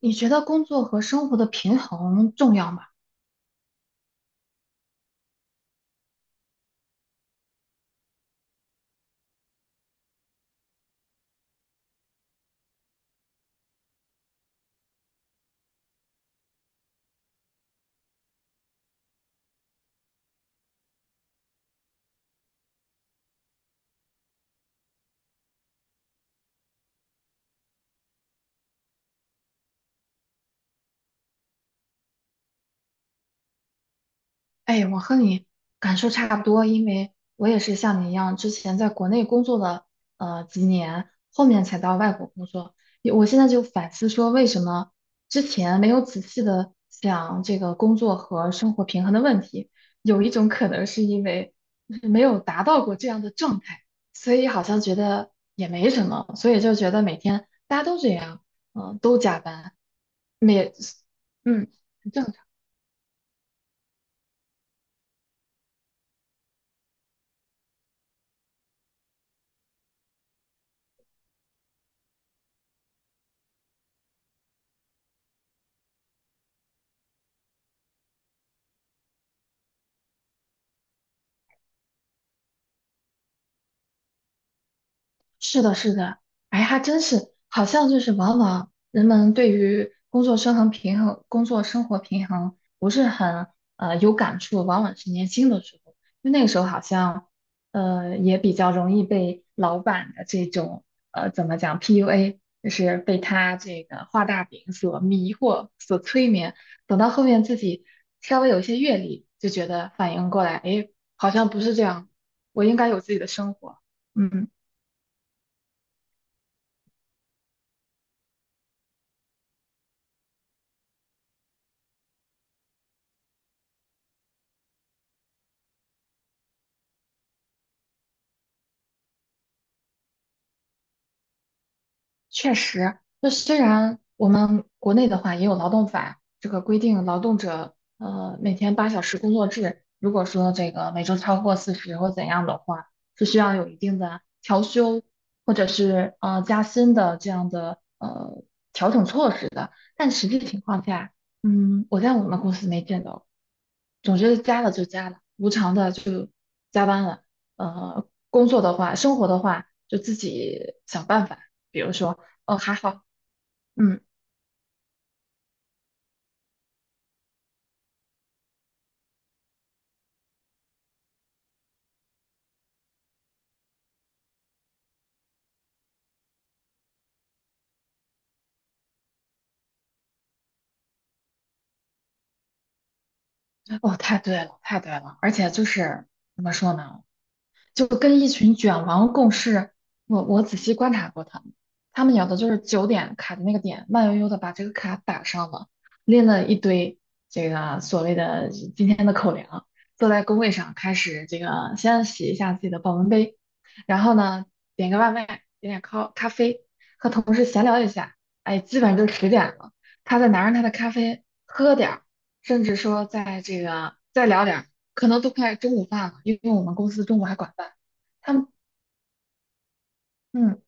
你觉得工作和生活的平衡重要吗？哎，我和你感受差不多，因为我也是像你一样，之前在国内工作了几年，后面才到外国工作。也我现在就反思说，为什么之前没有仔细的想这个工作和生活平衡的问题？有一种可能是因为就是没有达到过这样的状态，所以好像觉得也没什么，所以就觉得每天大家都这样，都加班。没，嗯，这样。是的，是的，哎，还真是，好像就是往往人们对于工作生衡平衡、工作生活平衡不是很有感触，往往是年轻的时候，因为那个时候好像也比较容易被老板的这种怎么讲 PUA，就是被他这个画大饼所迷惑、所催眠。等到后面自己稍微有一些阅历，就觉得反应过来，哎，好像不是这样，我应该有自己的生活，嗯。确实，那虽然我们国内的话也有劳动法这个规定，劳动者每天8小时工作制，如果说这个每周超过四十或怎样的话，是需要有一定的调休或者是加薪的这样的调整措施的。但实际情况下，我在我们公司没见到。总之加了就加了，无偿的就加班了。工作的话，生活的话，就自己想办法。比如说，哦，还好，嗯，哦，太对了，太对了。而且就是怎么说呢？就跟一群卷王共事。我仔细观察过他们，他们有的就是九点卡的那个点，慢悠悠的把这个卡打上了，拎了一堆这个所谓的今天的口粮，坐在工位上开始这个先洗一下自己的保温杯，然后呢点个外卖，点点咖啡，和同事闲聊一下，哎，基本上就10点了。他再拿着他的咖啡喝点儿，甚至说在这个再聊点儿，可能都快中午饭了，因为我们公司中午还管饭。他们，嗯，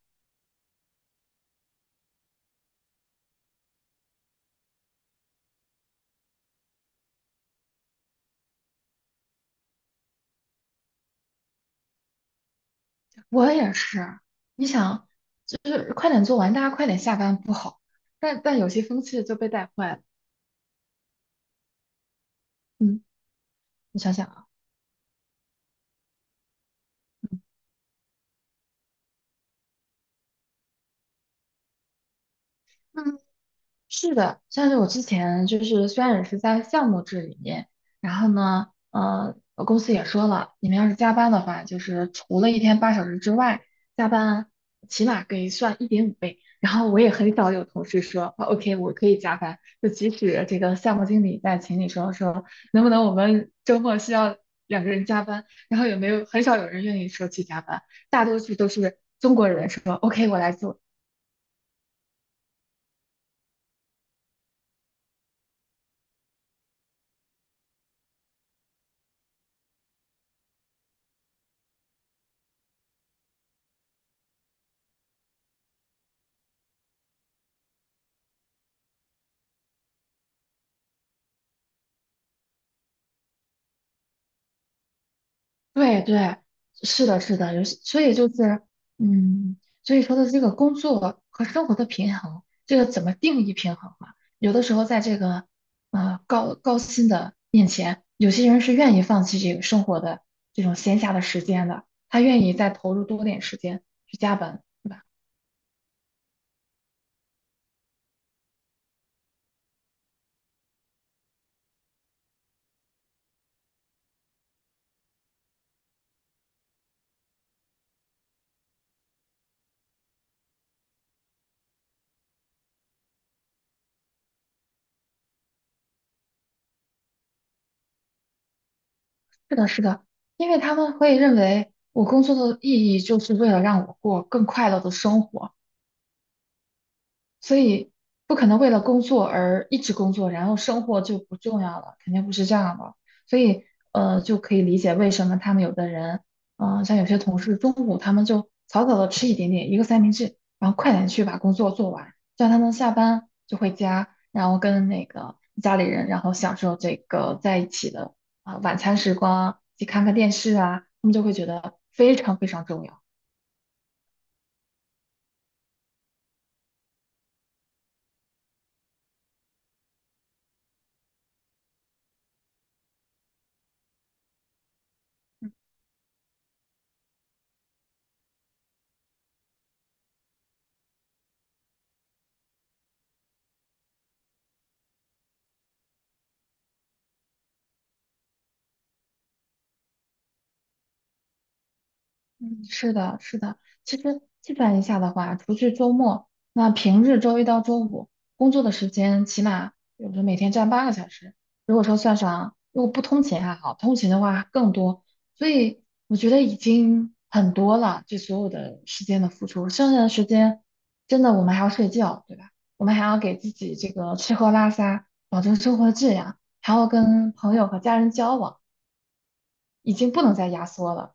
我也是，你想，就是快点做完，大家快点下班不好，但有些风气就被带坏了。嗯，你想想啊。是的，像是我之前就是虽然也是在项目制里面，然后呢，我公司也说了，你们要是加班的话，就是除了一天八小时之外，加班起码可以算1.5倍。然后我也很少有同事说啊，OK，我可以加班，就即使这个项目经理在群里说，能不能我们周末需要两个人加班，然后也没有很少有人愿意说去加班，大多数都是中国人说，OK，我来做。对对，是的，是的，有些，所以就是，嗯，所以说的这个工作和生活的平衡，这个怎么定义平衡嘛？有的时候在这个高薪的面前，有些人是愿意放弃这个生活的这种闲暇的时间的，他愿意再投入多点时间去加班，对吧？是的，是的，因为他们会认为我工作的意义就是为了让我过更快乐的生活，所以不可能为了工作而一直工作，然后生活就不重要了，肯定不是这样的。所以，就可以理解为什么他们有的人，像有些同事中午他们就早早的吃一点点一个三明治，然后快点去把工作做完，这样他们下班就回家，然后跟那个家里人，然后享受这个在一起的晚餐时光，去看看电视啊，他们就会觉得非常非常重要。嗯，是的，是的。其实计算一下的话，除去周末，那平日周一到周五工作的时间，起码有候每天占8个小时。如果说算上，如果不通勤还好，通勤的话更多。所以我觉得已经很多了，这所有的时间的付出。剩下的时间，真的我们还要睡觉，对吧？我们还要给自己这个吃喝拉撒，保证生活质量，还要跟朋友和家人交往，已经不能再压缩了。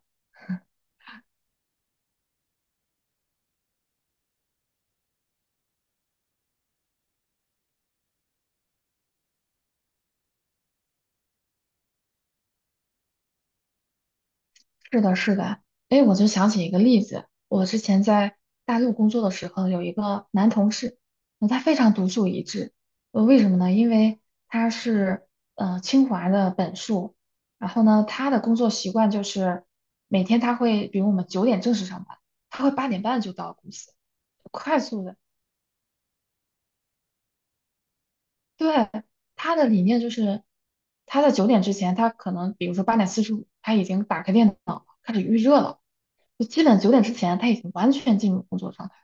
是的，是的，哎，我就想起一个例子，我之前在大陆工作的时候，有一个男同事，那他非常独树一帜，为什么呢？因为他是清华的本硕，然后呢，他的工作习惯就是每天他会，比如我们九点正式上班，他会8点半就到公司，快速的。对，他的理念就是，他在九点之前，他可能比如说8:45，他已经打开电脑了开始预热了，就基本九点之前他已经完全进入工作状态，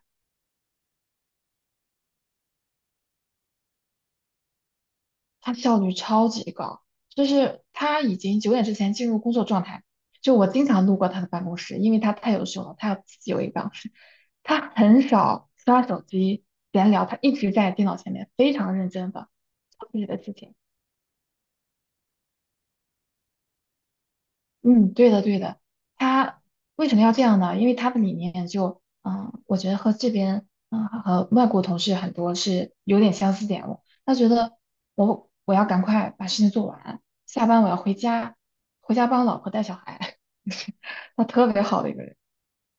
他效率超级高，就是他已经九点之前进入工作状态。就我经常路过他的办公室，因为他太优秀了，他要自己有一个办公室，他很少刷手机闲聊，他一直在电脑前面非常认真的做自己的事情。嗯，对的，对的。他为什么要这样呢？因为他的理念就，嗯，我觉得和这边，嗯，和外国同事很多是有点相似点的他觉得我要赶快把事情做完，下班我要回家，回家帮老婆带小孩。他特别好的一个人，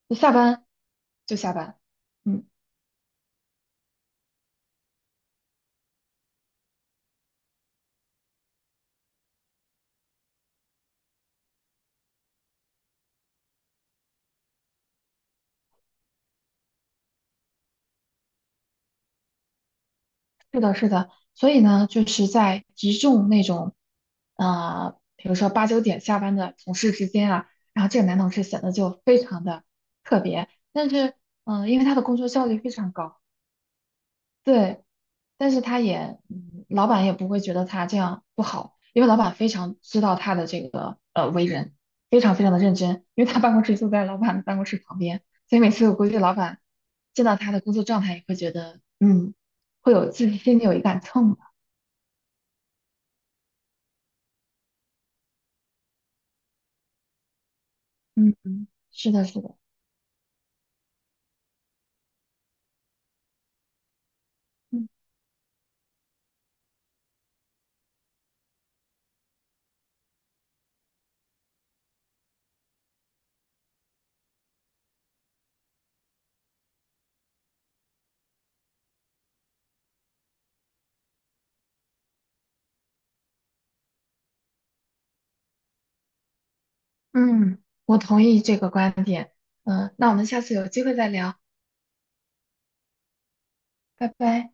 就下班就下班，嗯，是的，是的，所以呢，就是在集中那种，比如说八九点下班的同事之间啊，然后这个男同事显得就非常的特别，但是，因为他的工作效率非常高，对，但是他也，老板也不会觉得他这样不好，因为老板非常知道他的这个为人，非常非常的认真，因为他办公室就在老板的办公室旁边，所以每次我估计老板见到他的工作状态也会觉得，嗯，会有自己心里有一杆秤。嗯，是的，是的，嗯嗯，我同意这个观点。嗯，那我们下次有机会再聊，拜拜。